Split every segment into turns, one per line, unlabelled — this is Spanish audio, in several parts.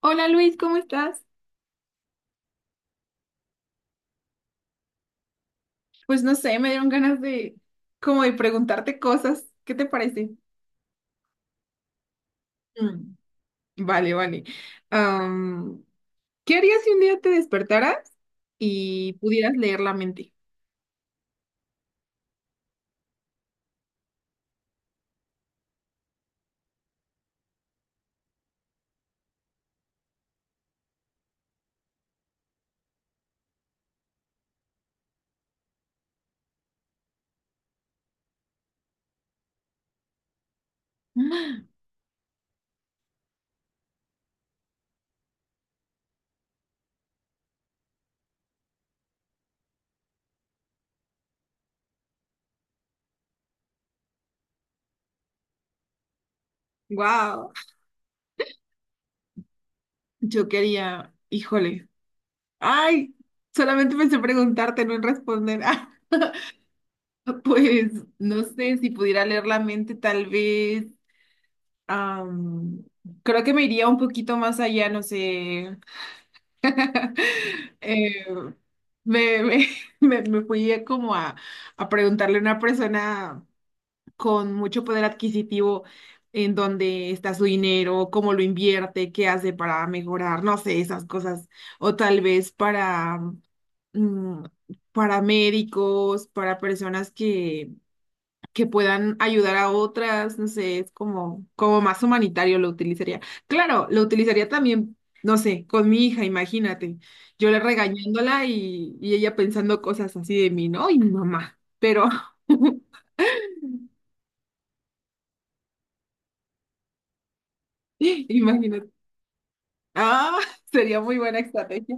Hola Luis, ¿cómo estás? Pues no sé, me dieron ganas de como de preguntarte cosas. ¿Qué te parece? Mm. Vale, vale. Am, ¿Qué harías si un día te despertaras y pudieras leer la mente? Wow. Yo quería, híjole. Ay, solamente pensé preguntarte, no en responder. Ah, pues no sé si pudiera leer la mente, tal vez. am, Creo que me iría un poquito más allá, no sé. Eh, me, me, me fui a como a preguntarle a una persona con mucho poder adquisitivo en dónde está su dinero, cómo lo invierte, qué hace para mejorar, no sé, esas cosas. O tal vez para, mm, para médicos, para personas que puedan ayudar a otras, no sé, es como, como más humanitario lo utilizaría. Claro, lo utilizaría también, no sé, con mi hija, imagínate, yo le regañándola y ella pensando cosas así de mí, ¿no? Y mi mamá, pero imagínate, ah, sería muy buena estrategia.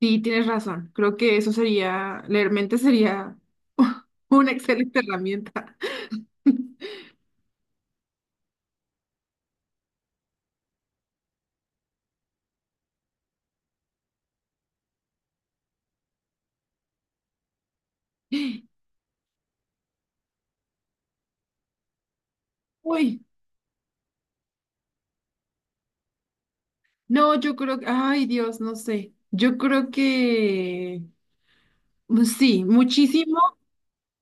Sí, tienes razón, creo que eso sería, leer mente sería una excelente herramienta. Uy, no, yo creo que, ay Dios, no sé. Yo creo que pues sí, muchísimo.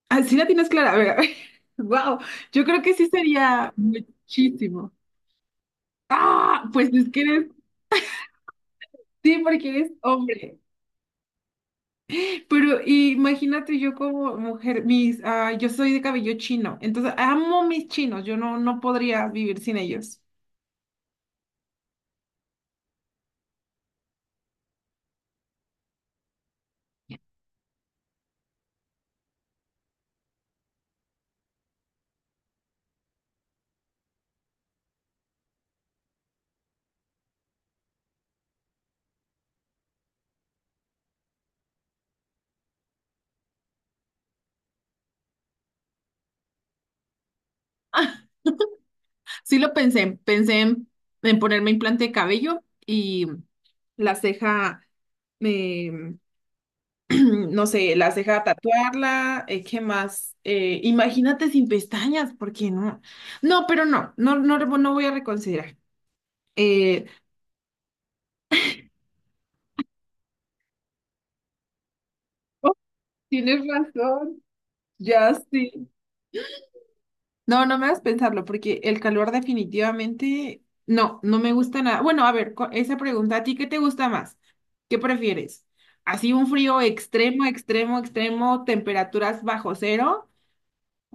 Así la tienes clara. A ver, a ver. Wow, yo creo que sí sería muchísimo. Ah, pues es que eres, sí, porque eres hombre. Pero imagínate yo como mujer, mis, ah, yo soy de cabello chino, entonces amo mis chinos, yo no, no podría vivir sin ellos. Sí lo pensé, pensé en ponerme implante de cabello y la ceja, no sé, la ceja tatuarla, ¿qué más? Imagínate sin pestañas, ¿porque no? No, pero no, no, no, no voy a reconsiderar. Eh, oh, tienes razón, ya sí. No, no me hagas pensarlo, porque el calor definitivamente, no, no me gusta nada. Bueno, a ver, esa pregunta, ¿a ti qué te gusta más? ¿Qué prefieres? ¿Así un frío extremo, extremo, extremo, temperaturas bajo cero?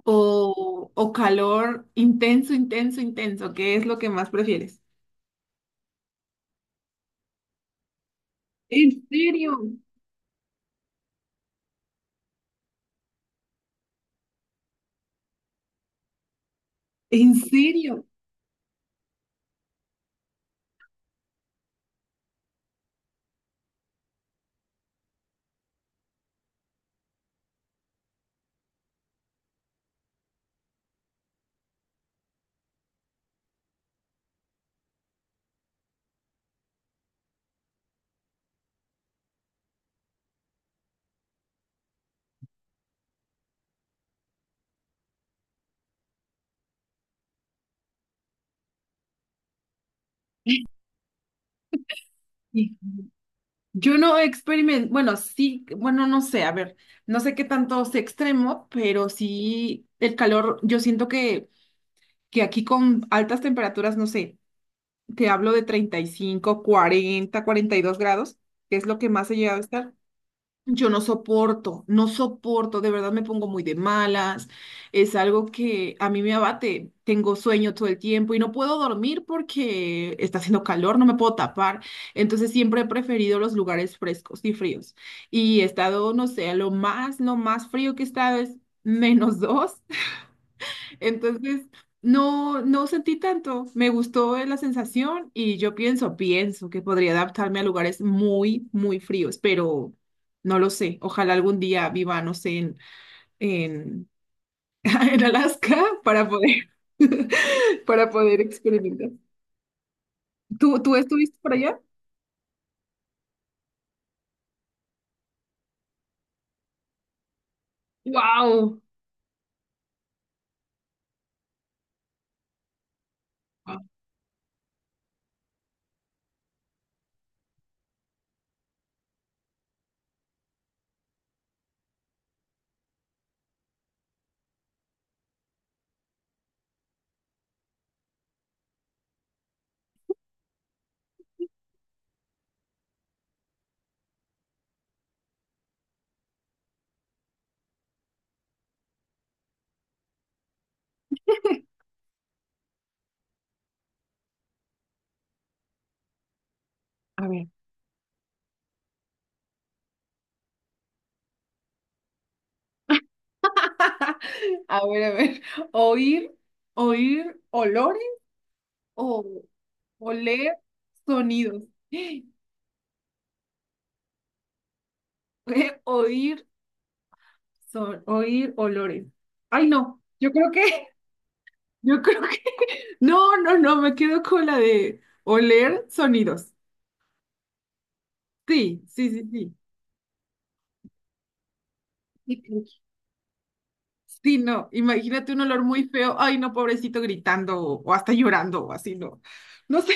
¿O, o calor intenso, intenso, intenso? ¿Qué es lo que más prefieres? ¿En serio? ¿En serio? Sí. Yo no experimento, bueno, sí, bueno, no sé, a ver, no sé qué tanto sea extremo, pero sí el calor, yo siento que aquí con altas temperaturas, no sé, te hablo de 35, 40, 42 grados, que es lo que más he llegado a estar. Yo no soporto, no soporto, de verdad me pongo muy de malas, es algo que a mí me abate, tengo sueño todo el tiempo y no puedo dormir porque está haciendo calor, no me puedo tapar, entonces siempre he preferido los lugares frescos y fríos y he estado, no sé, lo más frío que he estado es -2 entonces, no, no sentí tanto. Me gustó la sensación y yo pienso, pienso que podría adaptarme a lugares muy, muy fríos, pero no lo sé. Ojalá algún día viva, no sé, en, en Alaska para poder, para poder experimentar. ¿Tú, tú estuviste por allá? ¡Wow! A ver, a ver, a ver. Oír, oír olores o oler sonidos. Oír oír olores. Ay, no, yo creo que, yo creo que, no, no, no, me quedo con la de oler sonidos. Sí, sí, sí, sí. Y Pinky. Sí, no, imagínate un olor muy feo. Ay, no, pobrecito gritando o hasta llorando o así, no. No sé.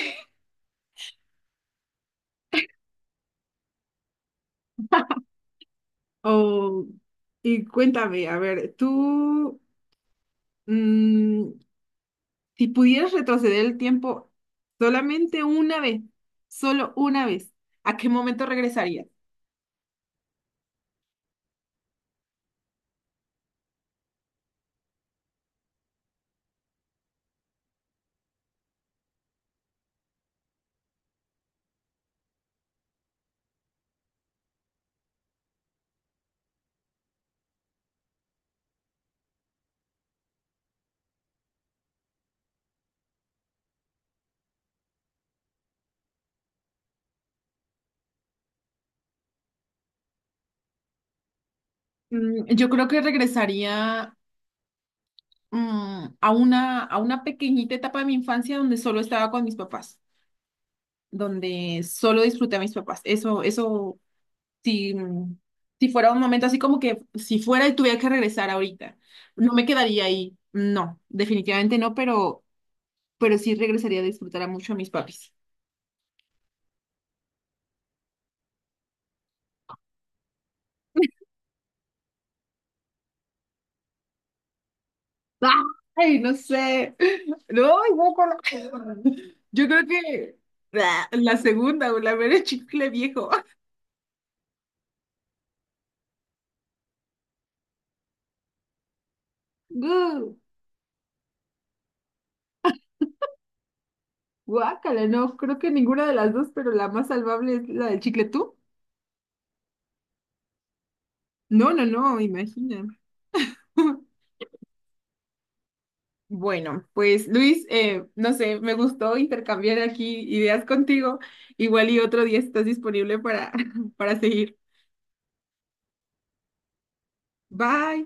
Oh, y cuéntame, a ver, tú, mm, si pudieras retroceder el tiempo solamente una vez, solo una vez, ¿a qué momento regresarías? Yo creo que regresaría, a una pequeñita etapa de mi infancia donde solo estaba con mis papás, donde solo disfruté a mis papás. Eso, si, si fuera un momento así como que si fuera y tuviera que regresar ahorita, no me quedaría ahí. No, definitivamente no, pero sí regresaría a disfrutar a mucho a mis papis. Ay, no sé. No, ay, guácala. Yo creo que ah, la segunda o la ver el chicle viejo. Guácala, no, creo que ninguna de las dos, pero la más salvable es la del chicle tú. No, no, no, imagina. Bueno, pues Luis, no sé, me gustó intercambiar aquí ideas contigo. Igual y otro día estás disponible para, para seguir. Bye.